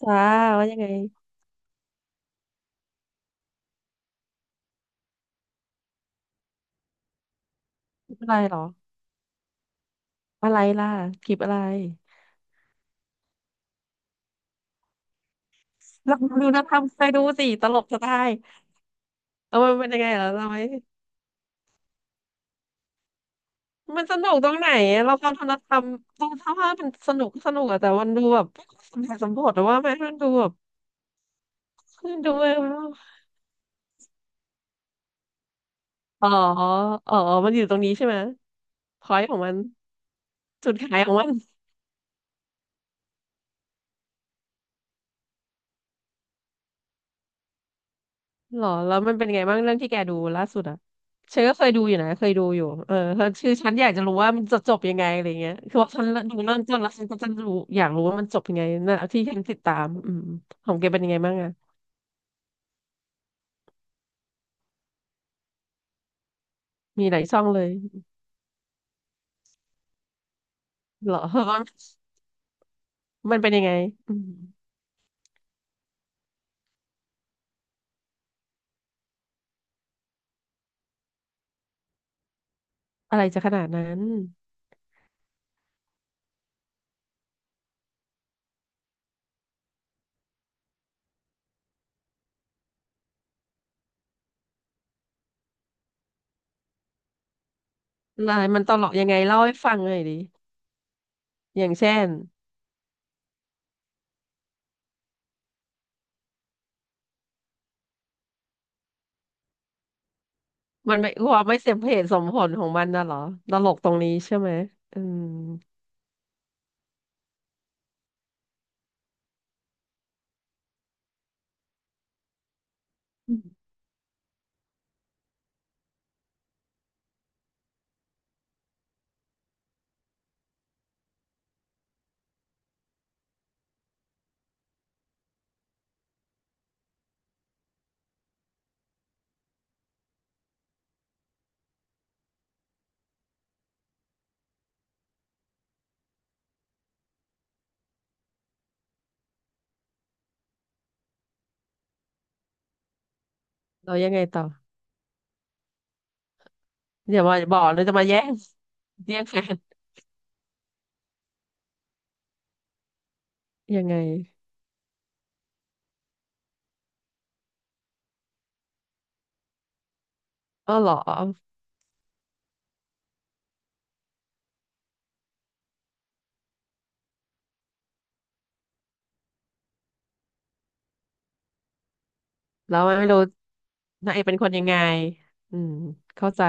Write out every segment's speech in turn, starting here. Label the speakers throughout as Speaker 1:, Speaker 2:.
Speaker 1: จ้าว่ายังไงคลิปอะไรเหรออะไรล่ะคลิปอะไรลองดูนะทำไปดูสิตลกจะได้เอามันเป็นยังไงเหรอทำไมมันสนุกตรงไหนอะเราความทำธรรมตรงถ้าว่ามันสนุกก็สนุกอะแต่มันดูแบบไม่ค่อยสมเหตุสมผลหรือว่าไหมมันดูแบบมันดูเอออ๋ออ๋อมันอยู่ตรงนี้ใช่ไหมพอยของมันจุดขายของมัน หรอแล้วมันเป็นไงบ้างเรื่องที่แกดูล่าสุดอ่ะฉันก็เคยดูอยู่นะเคยดูอยู่เออคือฉันอยากจะรู้ว่ามันจะจบยังไงอะไรเงี้ยคือว่าฉันดูเริ่มต้นแล้วฉันก็จะรู้อยากรู้ว่ามันจบยังไงนะที่ฉันติดตามอืมของแกเป็นยังไงบ้างอ่ะมีหลายช่องเลยเหรอ มันเป็นยังไงอืมอะไรจะขนาดนั้นอะไรมันตลกยังไงเล่าให้ฟังหน่อยดิอย่างเช่นมันไม่ความไม่สมเหตุสมผลของมันน่ะเหรอตลกตรงนี้ใช่ไหมอืมเรายังไงต่อ อย่ามาบอกเลยจะมาแย่ง แย่งแฟนยังไงอ้อเหรอแล้วไม่รู้นางเอกเป็นคนยังไงอืมเข้าใจ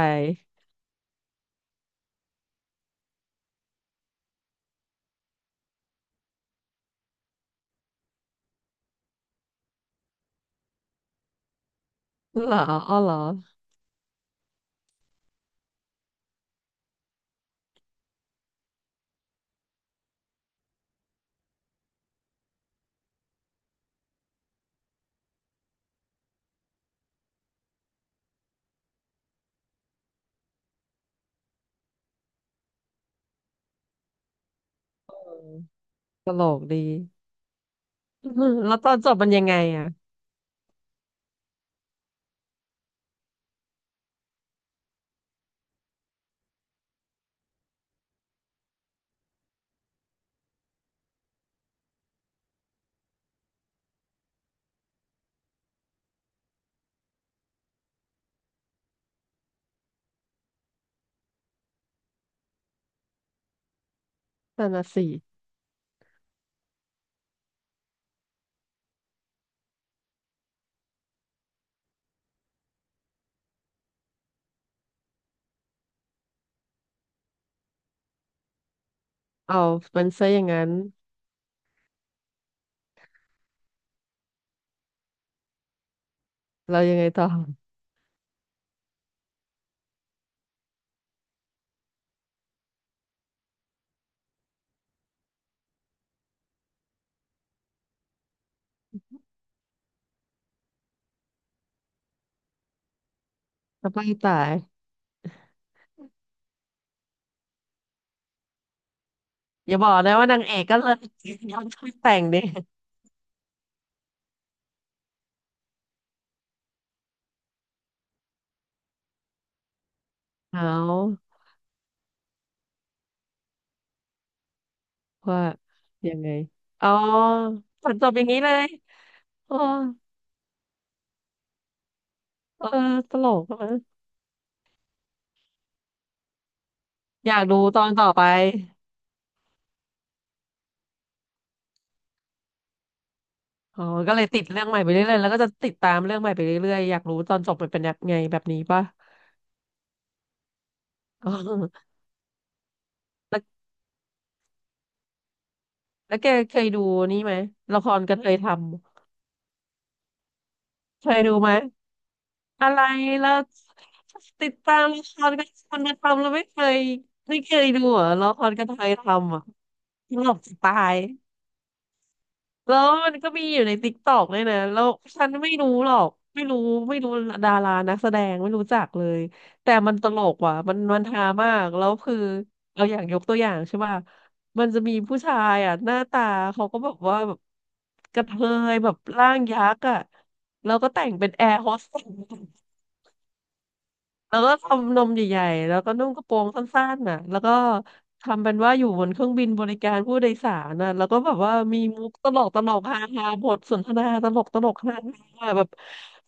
Speaker 1: เหรออ้อเหรอเออตลกดี อืมแล้วตอนจบมันยังไงอ่ะนั่นน่ะสิเอาเป็นซะอย่างนั้นเรายังไงต่อจะไปตายอย่าบอกนะว่านางเอกก็เลย ยอมช่วยแต่งดิเอาว่ายังไงอ๋อตอนจบอย่างนี้เลยอ๋อเออตลกอะอยากดูตอนต่อไป อ๋อก็เลยติดเรื่องใหม่ไปเรื่อยๆแล้วก็จะติดตามเรื่องใหม่ไปเรื่อยๆอยากรู้ตอนจบมันเป็นยังไงแบบนี้ป่ะ อ๋อแล้วแกเคยดูนี่ไหมละครกระเทยทำเคยดูไหมอะไรแล้วติดตามละครกระเทยมันทำแล้วไม่เคย ไม่เคยดูเหรอละครกระเทยทำอ่ะ ตลกจะตาย แล้วมันก็มีอยู่ในติ๊กต็อกด้วยนะ แล้วฉันไม่รู้หรอก ไม่รู้ไม่รู้ดารานักแสดงไม่รู้จักเลย แต่มันตลกว่ะ มันมันฮามาก แล้วคือเอาอย่างยกตัวอย่างใช่ป่ะมันจะมีผู้ชายอ่ะหน้าตาเขาก็แบบว่าแบบกระเทยแบบร่างยักษ์อ่ะ แล้วก็แต่งเป็นแอร์โฮสเตส แล้วก็ทำนมใหญ่ๆแล้วก็นุ่งกระโปรงสั้นๆน่ะแล้วก็ทำเป็นว่าอยู่บนเครื่องบินบริการผู้โดยสารน่ะแล้วก็แบบว่ามีมุกตลกตลกฮาฮาบทสนทนาตลกตลกฮาฮาแบบ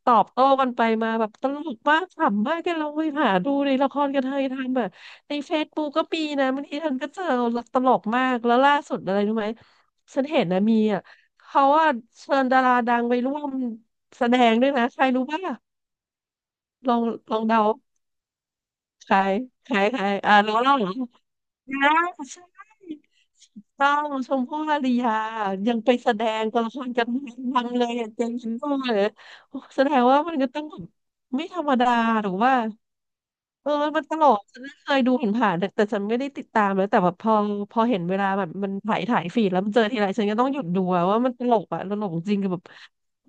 Speaker 1: ตอบโต้กันไปมาแบบตลกมากขำมากกันเราไปหาดูในละครกันเทยทำแบบในเฟซบุ๊กก็มีนะบางทีท่ันก็เจอตลกมากแล้วล่าสุดอะไรรู้ไหมฉันเห็นนะมีอ่ะเขาว่าเชิญดาราดังไปร่วมแสดงด้วยนะใครรู้ป่ะลองเดา ใครใครใครอ่ารู้แล้วเหรอนะใช่ถูกต้องชมพู่อารยายังไปแสดงตัวละครกันทังเลยอะเจนชินโก้เลยโอ้แสดงว่ามันก็ต้องแบบไม่ธรรมดาหรือว่าเออมันตลกฉันเคยดูผ่านๆแต่ฉันไม่ได้ติดตามเลยแต่แบบพอเห็นเวลาแบบมันถ่ายถ่ายฟีดแล้วมันเจอทีไรฉันก็ต้องหยุดดูอะว่ามันตลกอะตลกจริงกับแบบ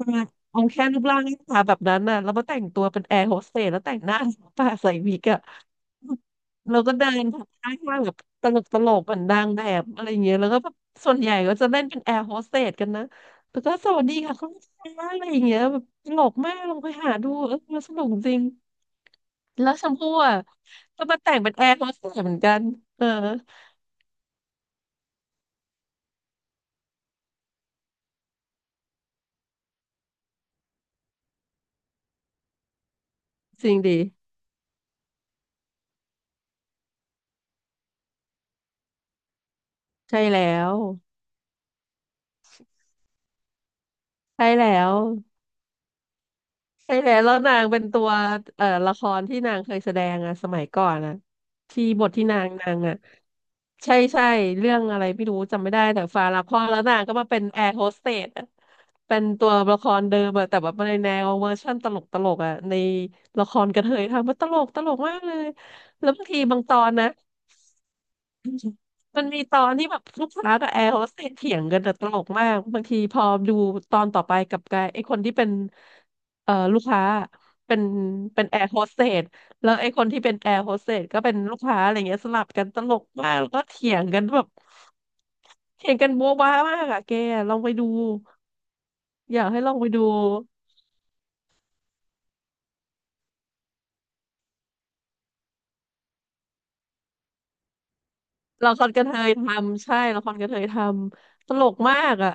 Speaker 1: มาเอาแค่รูปร่างหน้าตาแบบนั้นน่ะแล้วมาแต่งตัวเป็นแอร์โฮสเตสแล้วแต่งหน้าปาใส่วิกอะเราก็เดินผ่านข้างๆแบบตลกตลกเหมือนนางแบบอะไรเงี้ยแล้วก็แบบส่วนใหญ่ก็จะเล่นเป็นแอร์โฮสเตสกันนะแล้วก็สวัสดีค่ะคุณลูกค้าอะไรอย่างเงี้ยแบบตลกมากลองไปหาดูเออมันสนุกจริงแล้วชมพู่อ่ะก็มาแต่งเป็นแอร์โฮสเตสเหมือนกันเออจริงดีใช่แล้วใช่แล้ว ใช่แล้วแล้วนางเป็นตัวเอ่อละครที่นางเคยแสดงอะสมัยก่อนอะที่บทที่นางนางอะใช่ใช่เรื่องอะไรไม่รู้จำไม่ได้แต่ฟาละครแล้วนางก็มาเป็นแอร์โฮสเตสอะเป็นตัวละครเดิมอะแต่แบบในแนวเวอร์ชั่นตลกตลกอะในละครกระเทยทำมันตลกตลกมากเลยแล้วบางทีบางตอนนะ มันมีตอนที่แบบลูกค้ากับแอร์โฮสเตสเถียงกันแต่ตลกมากบางทีพอดูตอนต่อไปกับกลายไอ้คนที่เป็นเอ่อลูกค้าเป็นแอร์โฮสเตสแล้วไอ้คนที่เป็นแอร์โฮสเตสก็เป็นลูกค้าอะไรเงี้ยสลับกันตลกมากแล้วก็เถียงกันแบบเถียงกันโบ๊ะบ้ามากอะแกลองไปดูอยากให้ลองไปดูละครกระเทยทำใช่ละครกระเทยทำตลกมากอะ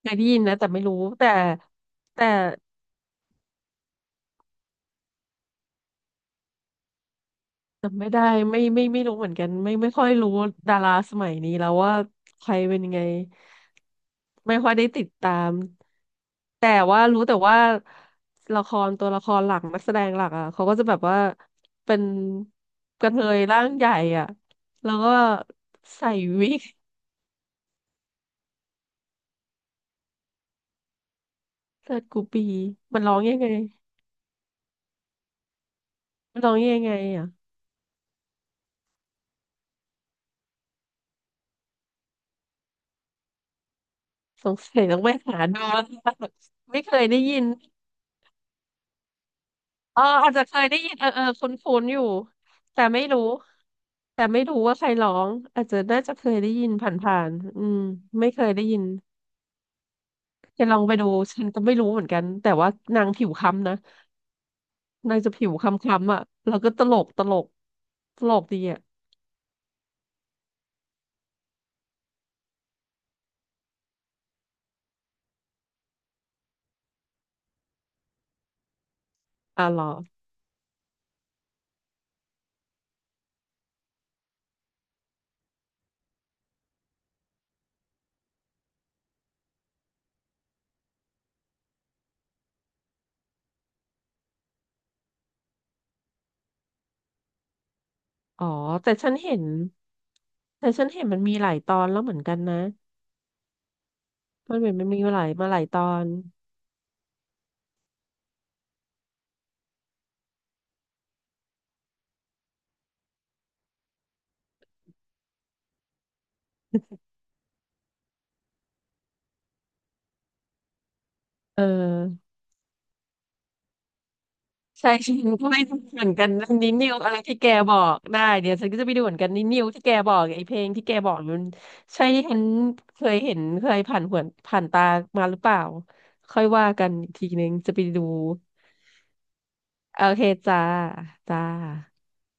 Speaker 1: เคยได้ยินนะแต่ไม่รู้แต่แต่ จำไม่ได้ไม่ไม่รู้เหมือนกันไม่ค่อยรู้ดาราสมัยนี้แล้วว่าใครเป็นยังไงไม่ค่อยได้ติดตามแต่ว่ารู้แต่ว่าละครตัวละครหลักนักแสดงหลักอ่ะเขาก็จะแบบว่าเป็นกระเทยร่างใหญ่อ่ะแล้วก็ใส่วิกเลิศกูปีมันร้องยังไงมันร้องยังไงอ่ะสงสัยต้องไปหาดูแล้วไม่เคยได้ยินเอออาจจะเคยได้ยินเออเออคุ้นๆอยู่แต่ไม่รู้ แต่ไม่รู้ว่าใครร้องอาจจะน่าจะเคยได้ยินผ่านๆอืมไม่เคยได้ยินจะลองไปดูฉันก็ไม่รู้เหมือนกันแต่ว่านางผิวค้ำนะนางจะผิวค้ำๆอ่ะแล้วก็ตลกตลกตลกดีอ่ะอ่ะเหรออ๋อแต่ฉันเห็นแต่ฉันเห็นมันมีหลายตอนแล้วเหมือนกันนะมันเหมือนมันมีมาหลายมาหลายตอนเออ ใช่ ฉันก็ไม่รู้เหมือนกันนิ้นิวอะไรที่แกบอกได้เดี๋ยวฉันก็จะไปดูเหมือนกันนิ้นิวที่แกบอกไอ้เพลงที่แกบอกมันใช่ที่ฉันเคยเห็นเคยผ่านหวนผ่านตามาหรือเปล่าค่อยว่ากันอีกทีนึงจะไปดูโอเคจ้าจ้า